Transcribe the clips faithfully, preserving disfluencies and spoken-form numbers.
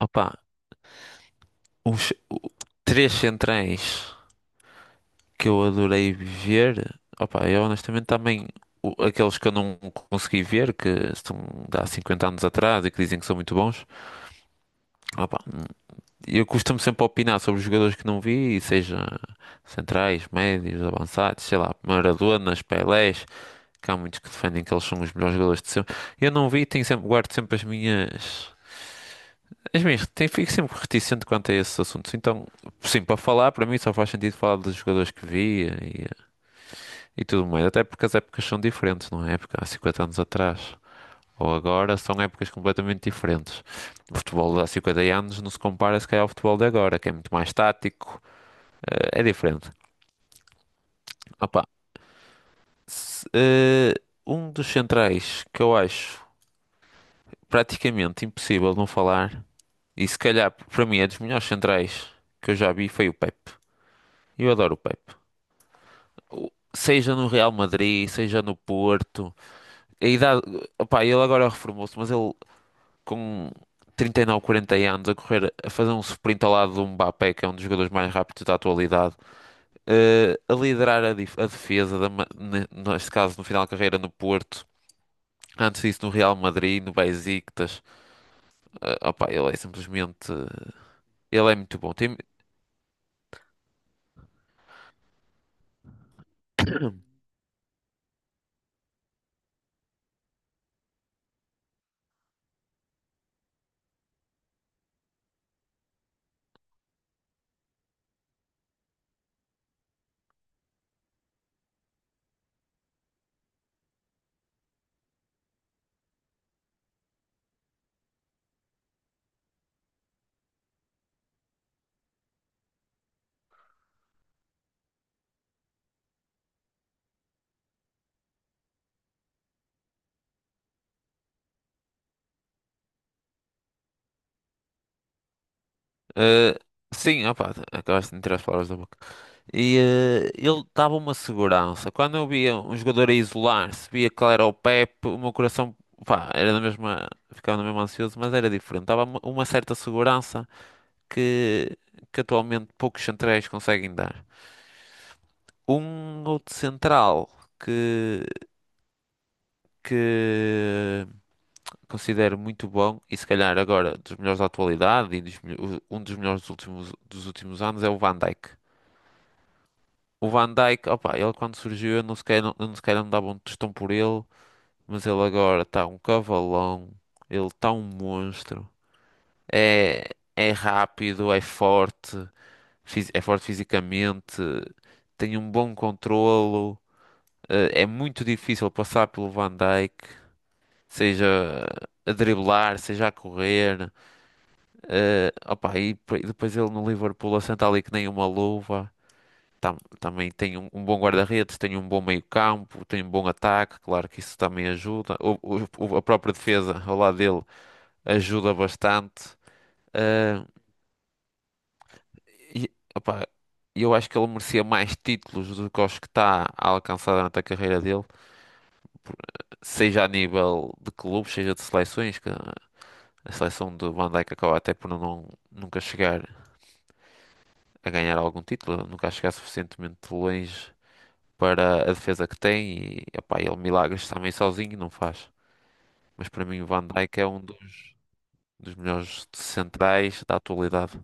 Opa, os o- três centrais que eu adorei ver. Opa, eu honestamente também. o- Aqueles que eu não consegui ver, que estão de há cinquenta anos atrás e que dizem que são muito bons. Opa, eu costumo sempre opinar sobre os jogadores que não vi, seja centrais, médios, avançados, sei lá, Maradonas, Pelés, que há muitos que defendem que eles são os melhores jogadores de sempre. Eu não vi, tenho sempre, guardo sempre as minhas. Mas mesmo, tem, fico sempre reticente quanto a esses assuntos. Então, sim, para falar, para mim só faz sentido falar dos jogadores que via e, e tudo mais. Até porque as épocas são diferentes, não é? Época há cinquenta anos atrás ou agora são épocas completamente diferentes. O futebol de há cinquenta anos não se compara se calhar ao futebol de agora, que é muito mais tático, eh, é diferente. Opa, se- eh, um dos centrais que eu acho praticamente impossível não falar, e se calhar para mim é dos melhores centrais que eu já vi, foi o Pepe. Eu adoro o Pepe. O- seja no Real Madrid, seja no Porto. A idade, opá, ele agora reformou-se, mas ele com trinta e nove, quarenta anos a correr, a fazer um sprint ao lado do Mbappé, que é um dos jogadores mais rápidos da atualidade, eh, a liderar a, dif- a defesa, da, ma- ne- neste caso no final da carreira no Porto. Antes disso, no Real Madrid, no Besiktas, Eh, opá, ele é simplesmente. Ele é muito bom. Tem, eh, sim, opá, acabaste de me tirar as palavras da boca. E eh, ele dava uma segurança. Quando eu via um jogador a isolar-se, via que ele era o Pepe, o meu coração, pá, era na mesma, ficava na mesma ansioso, mas era diferente. Dava uma, uma certa segurança que, que atualmente poucos centrais conseguem dar. Um outro central que, que considero muito bom, e se calhar agora dos melhores da atualidade e dos melho- um dos melhores dos últimos, dos últimos anos, é o Van Dijk. O Van Dijk, opa, ele quando surgiu, eu não sequer, eu não sequer me dava um tostão por ele, mas ele agora está um cavalão, ele está um monstro. É, é rápido, é forte, fis- é forte fisicamente, tem um bom controlo, eh, é muito difícil passar pelo Van Dijk, seja a driblar, seja a correr. Eh, opa, e, p- e depois ele no Liverpool assenta ali que nem uma luva. Tam- também tem um, um bom guarda-redes, tem um bom meio-campo, tem um bom ataque, claro que isso também ajuda. O, o- o- a própria defesa ao lado dele ajuda bastante. Ah, e, opá, eu acho que ele merecia mais títulos do que os que está a alcançar durante a carreira dele, por- seja a nível de clubes, seja de seleções, que a seleção de Van Dijk acaba até por não, nunca chegar a ganhar algum título, nunca chegar suficientemente longe para a defesa que tem e epá, ele milagres também sozinho não faz. Mas para mim o Van Dijk é um dos, dos melhores centrais da atualidade.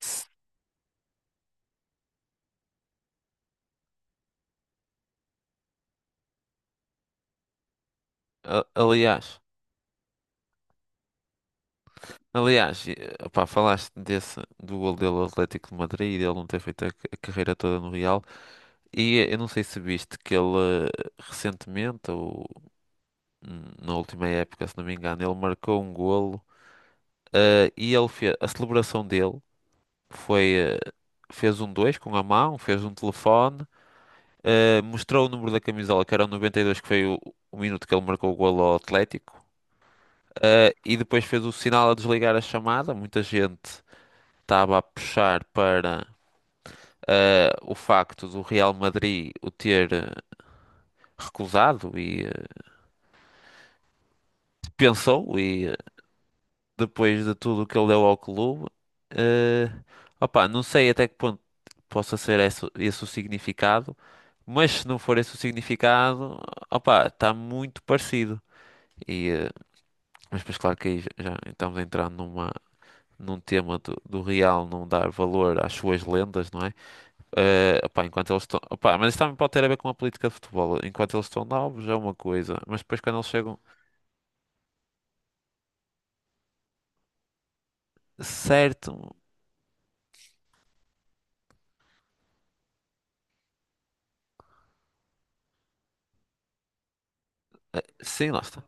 Se- a- Aliás, aliás, e, epá, falaste desse, do gol dele ao Atlético de Madrid e dele não ter feito a, ca- a carreira toda no Real. E eu não sei se viste que ele eh, recentemente, ou hum, na última época, se não me engano, ele marcou um golo eh, e ele fez, a celebração dele foi, eh, fez um dois com a mão, fez um telefone. Uh, mostrou o número da camisola, que era o noventa e dois que foi o, o minuto que ele marcou o golo ao Atlético. Uh, e depois fez o sinal a desligar a chamada. Muita gente estava a puxar para uh, o facto do Real Madrid o ter uh, recusado e uh, pensou. E uh, depois de tudo o que ele deu ao clube, uh, opá, não sei até que ponto possa ser esse, esse o significado. Mas se não for esse o significado, opá, está muito parecido. e eh, Mas depois, claro que aí já estamos a entrar numa, num tema do, do real não dar valor às suas lendas, não é? Eh, opá, enquanto eles estão. Opá, mas isso também pode ter a ver com a política de futebol. Enquanto eles estão novos é uma coisa, mas depois quando eles chegam. Certo. Sim, lá está.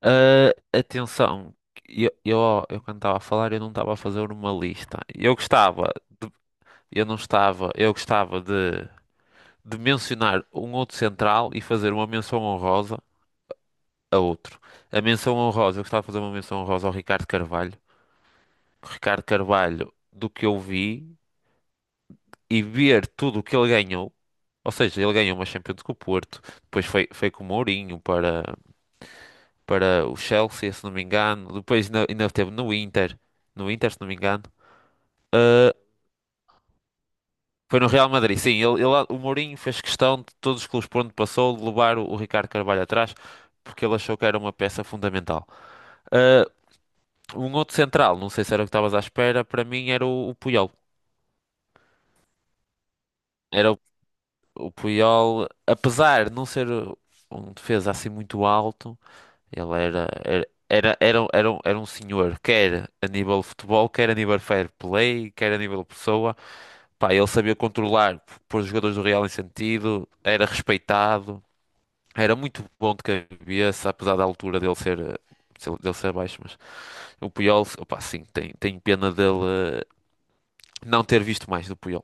Ah, Atenção, eu, eu, eu quando estava a falar, eu não estava a fazer uma lista. Eu gostava de, eu não estava, eu gostava de, de mencionar um outro central e fazer uma menção honrosa a outro. A menção honrosa, eu gostava de fazer uma menção honrosa ao Ricardo Carvalho. O Ricardo Carvalho, do que eu vi e ver tudo o que ele ganhou, ou seja, ele ganhou uma Champions com o Porto, depois foi, foi com o Mourinho para, para o Chelsea, se não me engano, depois ainda, ainda teve no Inter, no Inter, se não me engano. Ah, Foi no Real Madrid, sim, ele, ele- o Mourinho fez questão de todos os clubes por onde passou, de levar o, o Ricardo Carvalho atrás, porque ele achou que era uma peça fundamental. Ah, Um outro central, não sei se era o que estavas à espera, para mim era o, o Puyol. Era o, o Puyol, apesar de não ser um defesa assim muito alto, ele era, era, era, era, um- era, um era um senhor, quer a nível de futebol, quer a nível fair play, quer a nível de pessoa. Pá, ele sabia controlar, pôr os jogadores do Real em sentido, era respeitado, era muito bom de cabeça, apesar da altura dele ser, eh, dele ser baixo, mas o Puyol, opá, sim, tem, tem pena dele eh, não ter visto mais do Puyol.